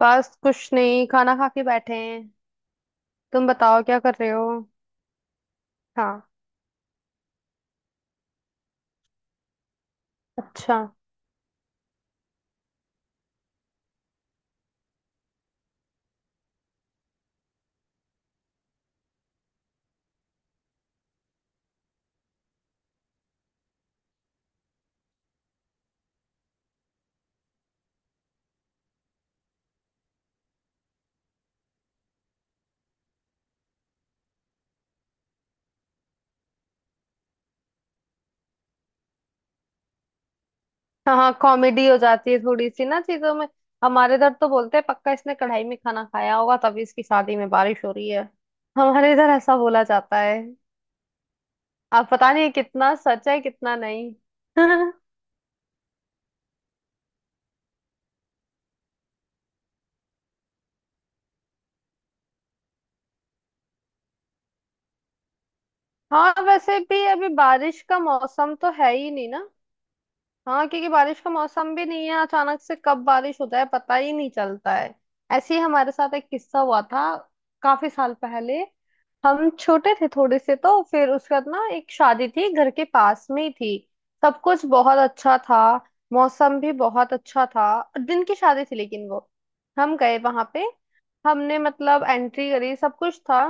बस कुछ नहीं, खाना खा के बैठे हैं। तुम बताओ क्या कर रहे हो। हाँ। अच्छा। हाँ हाँ, कॉमेडी हो जाती है थोड़ी सी ना चीजों में। हमारे इधर तो बोलते हैं, पक्का इसने कढ़ाई में खाना खाया होगा तभी इसकी शादी में बारिश हो रही है। हमारे इधर ऐसा बोला जाता है। अब पता नहीं कितना सच है कितना नहीं। हाँ, वैसे भी अभी बारिश का मौसम तो है ही नहीं ना। हाँ, क्योंकि बारिश का मौसम भी नहीं है, अचानक से कब बारिश होता है पता ही नहीं चलता है। ऐसे ही हमारे साथ एक किस्सा हुआ था, काफी साल पहले। हम छोटे थे थोड़े से, तो फिर उसके बाद ना एक शादी थी, घर के पास में ही थी। सब कुछ बहुत अच्छा था। मौसम भी बहुत अच्छा था। दिन की शादी थी, लेकिन वो हम गए वहां पे, हमने मतलब एंट्री करी, सब कुछ था।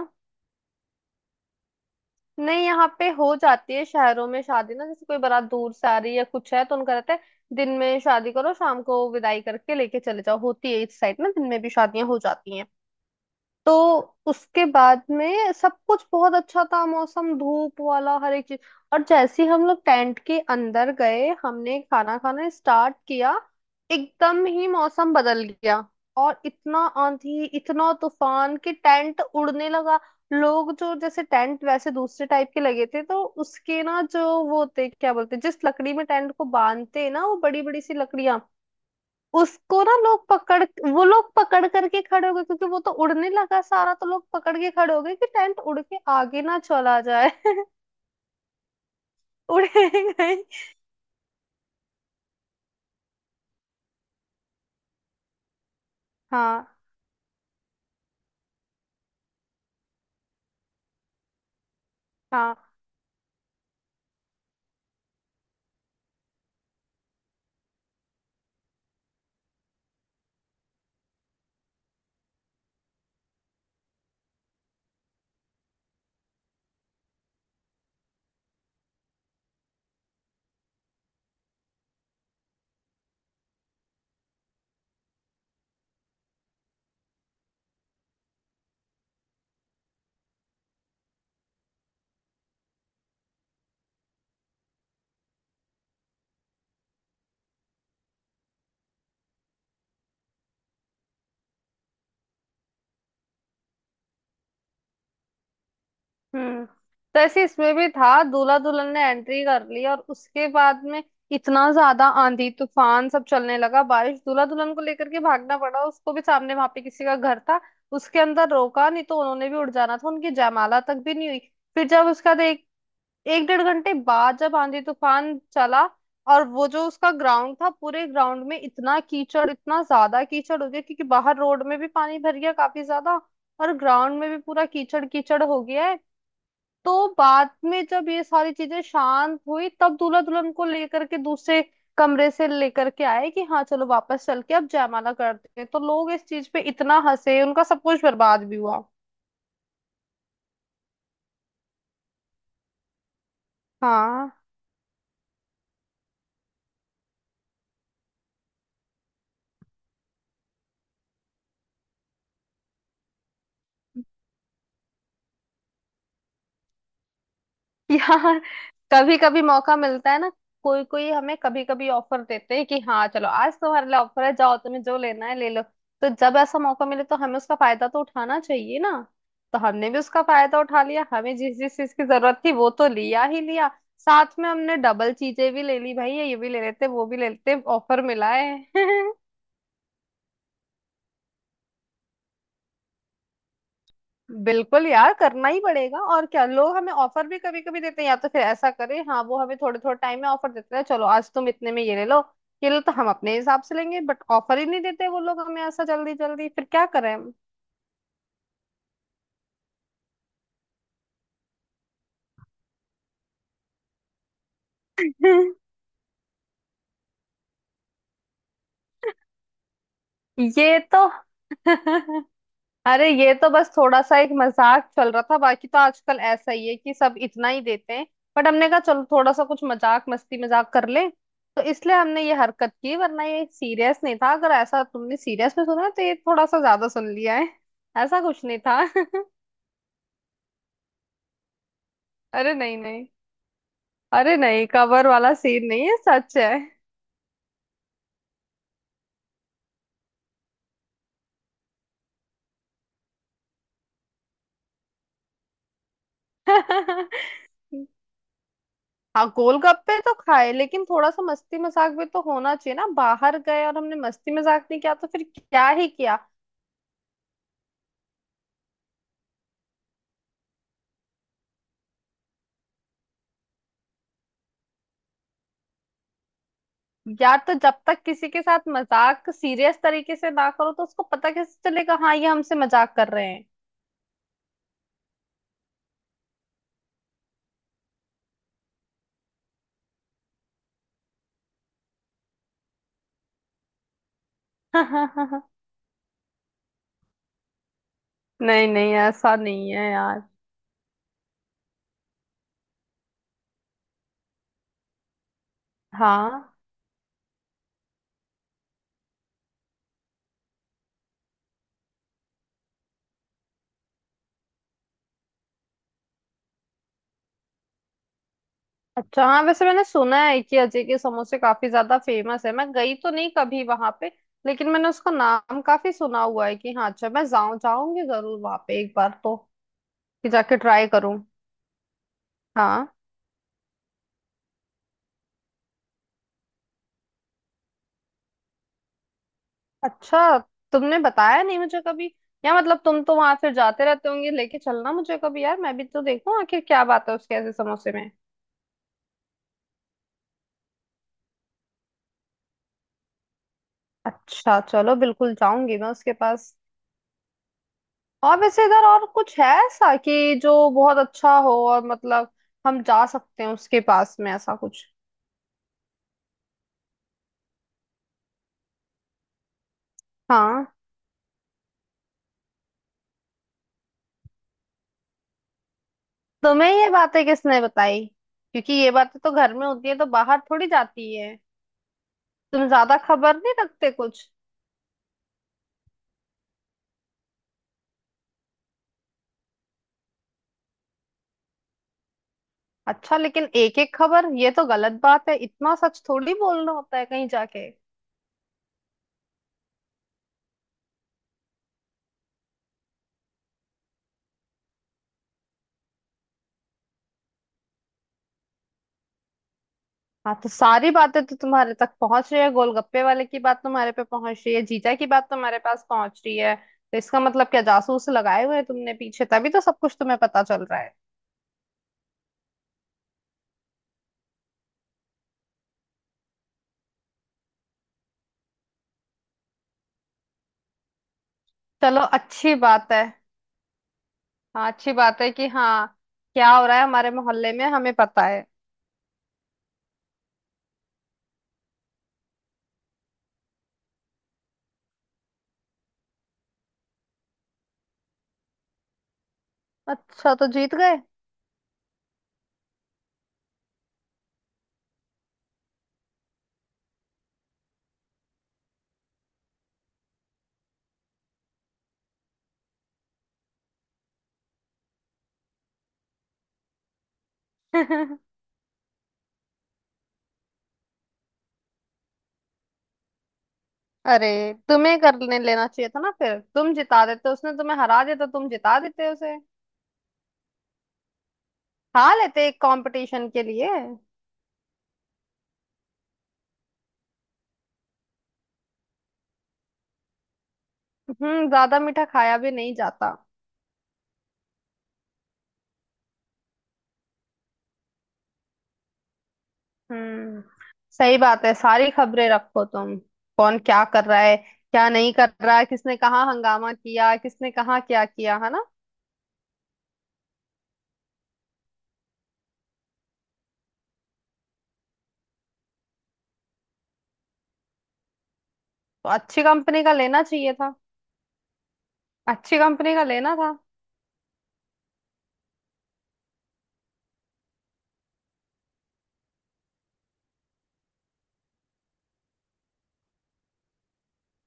नहीं, यहाँ पे हो जाती है शहरों में शादी ना, जैसे कोई बारात दूर से आ रही है या कुछ है तो उनका रहता है, दिन में शादी करो, शाम को विदाई करके लेके चले जाओ, होती है इस साइड ना दिन में भी शादियां हो जाती हैं। तो उसके बाद में सब कुछ बहुत अच्छा था, मौसम धूप वाला हर एक चीज। और जैसे ही हम लोग टेंट के अंदर गए, हमने खाना खाना स्टार्ट किया, एकदम ही मौसम बदल गया। और इतना आंधी, इतना तूफान कि टेंट उड़ने लगा। लोग जो जैसे टेंट वैसे दूसरे टाइप के लगे थे, तो उसके ना जो वो थे, क्या बोलते, जिस लकड़ी में टेंट को बांधते हैं ना, वो बड़ी बड़ी सी लकड़ियां, उसको ना लोग पकड़ वो लोग पकड़ करके खड़े हो गए, क्योंकि वो तो उड़ने लगा सारा, तो लोग पकड़ के खड़े हो गए कि टेंट उड़ के आगे ना चला जाए। उड़े गई। हाँ हाँ। हम्म। तो ऐसे इसमें भी था, दूल्हा दुल्हन ने एंट्री कर ली और उसके बाद में इतना ज्यादा आंधी तूफान सब चलने लगा, बारिश, दूल्हा दुल्हन को लेकर के भागना पड़ा, उसको भी सामने वहां पे किसी का घर था उसके अंदर। रोका नहीं तो उन्होंने भी उड़ जाना था। उनकी जयमाला तक भी नहीं हुई। फिर जब उसका एक डेढ़ घंटे बाद जब आंधी तूफान चला, और वो जो उसका ग्राउंड था, पूरे ग्राउंड में इतना कीचड़, इतना ज्यादा कीचड़ हो गया, क्योंकि बाहर रोड में भी पानी भर गया काफी ज्यादा, और ग्राउंड में भी पूरा कीचड़ कीचड़ हो गया है। तो बाद में जब ये सारी चीजें शांत हुई, तब दूल्हा दुल्हन को लेकर के दूसरे कमरे से लेकर के आए कि हाँ चलो वापस चल के अब जयमाला करते हैं, तो लोग इस चीज पे इतना हंसे, उनका सब कुछ बर्बाद भी हुआ। हाँ। यार, कभी कभी मौका मिलता है ना, कोई कोई हमें कभी कभी ऑफर देते हैं कि हाँ चलो आज तुम्हारे लिए ऑफर है, जाओ तुम्हें जो लेना है ले लो, तो जब ऐसा मौका मिले तो हमें उसका फायदा तो उठाना चाहिए ना। तो हमने भी उसका फायदा उठा लिया, हमें जिस जिस चीज की जरूरत थी वो तो लिया ही लिया, साथ में हमने डबल चीजें भी ले ली, भाई ये भी ले लेते वो भी ले लेते, ऑफर मिला है। बिल्कुल यार, करना ही पड़ेगा और क्या, लोग हमें ऑफर भी कभी कभी देते हैं या तो फिर ऐसा करें, हाँ वो हमें थोड़े थोड़े टाइम में ऑफर देते हैं चलो आज तुम इतने में ये ले लो, ये लो, तो हम अपने हिसाब से लेंगे, बट ऑफर ही नहीं देते वो लोग हमें ऐसा जल्दी जल्दी, फिर क्या करें हम। ये तो। अरे ये तो बस थोड़ा सा एक मजाक चल रहा था, बाकी तो आजकल ऐसा ही है कि सब इतना ही देते हैं, बट हमने कहा चलो थोड़ा सा कुछ मजाक मस्ती मजाक कर ले, तो इसलिए हमने ये हरकत की, वरना ये सीरियस नहीं था। अगर ऐसा तुमने सीरियस में सुना है तो ये थोड़ा सा ज्यादा सुन लिया है। ऐसा कुछ नहीं था। अरे नहीं नहीं। अरे नहीं, कवर वाला सीन नहीं है, सच है। हाँ गोलगप्पे तो खाए, लेकिन थोड़ा सा मस्ती मजाक भी तो होना चाहिए ना, बाहर गए और हमने मस्ती मजाक नहीं किया तो फिर क्या ही किया। यार तो जब तक किसी के साथ मजाक सीरियस तरीके से ना करो तो उसको पता कैसे चलेगा हाँ ये हमसे मजाक कर रहे हैं। नहीं नहीं, ऐसा नहीं है यार। हाँ। अच्छा। हाँ, वैसे मैंने सुना है कि अजय के समोसे काफी ज्यादा फेमस है, मैं गई तो नहीं कभी वहां पे, लेकिन मैंने उसका नाम काफी सुना हुआ है कि हाँ, अच्छा मैं जाऊं, जाऊंगी जरूर वहां पे एक बार तो, कि जाके ट्राई करूं। हाँ। अच्छा, तुमने बताया नहीं मुझे कभी, या मतलब तुम तो वहां फिर जाते रहते होंगे, लेके चलना मुझे कभी यार, मैं भी तो देखूं आखिर क्या बात है उसके ऐसे समोसे में। अच्छा चलो, बिल्कुल जाऊंगी मैं उसके पास। और वैसे इधर और कुछ है ऐसा कि जो बहुत अच्छा हो और मतलब हम जा सकते हैं उसके पास में ऐसा कुछ। हाँ, तुम्हें ये बातें किसने बताई, क्योंकि ये बातें तो घर में होती है, तो बाहर थोड़ी जाती है। तुम ज्यादा खबर नहीं रखते कुछ। अच्छा, लेकिन एक एक खबर, ये तो गलत बात है, इतना सच थोड़ी बोलना होता है कहीं जाके। हाँ, तो सारी बातें तो तुम्हारे तक पहुंच रही है, गोलगप्पे वाले की बात तुम्हारे पे पहुंच रही है, जीजा की बात तुम्हारे पास पहुंच रही है, तो इसका मतलब क्या जासूस लगाए हुए हैं तुमने पीछे, तभी तो सब कुछ तुम्हें पता चल रहा है। चलो अच्छी बात है। हाँ अच्छी बात है कि हाँ, क्या हो रहा है हमारे मोहल्ले में हमें पता है। अच्छा, तो जीत गए। अरे, तुम्हें करने लेना चाहिए था ना, फिर तुम जिता देते, उसने तुम्हें हरा देता, तुम जिता देते उसे। खा लेते एक कंपटीशन के लिए। हम्म, ज्यादा मीठा खाया भी नहीं जाता। हम्म, सही बात है, सारी खबरें रखो तुम, कौन क्या कर रहा है, क्या नहीं कर रहा है, किसने कहाँ हंगामा किया, किसने कहाँ क्या किया है ना। तो अच्छी कंपनी का लेना चाहिए था। अच्छी कंपनी का लेना था।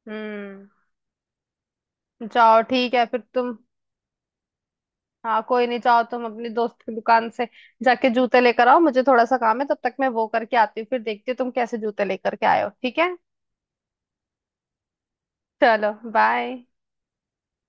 हम्म। जाओ ठीक है फिर तुम। हाँ कोई नहीं, जाओ तुम अपनी दोस्त की दुकान से जाके जूते लेकर आओ, मुझे थोड़ा सा काम है, तब तक मैं वो करके आती हूँ, फिर देखती हूँ तुम कैसे जूते लेकर के आए हो ठीक है। चलो बाय।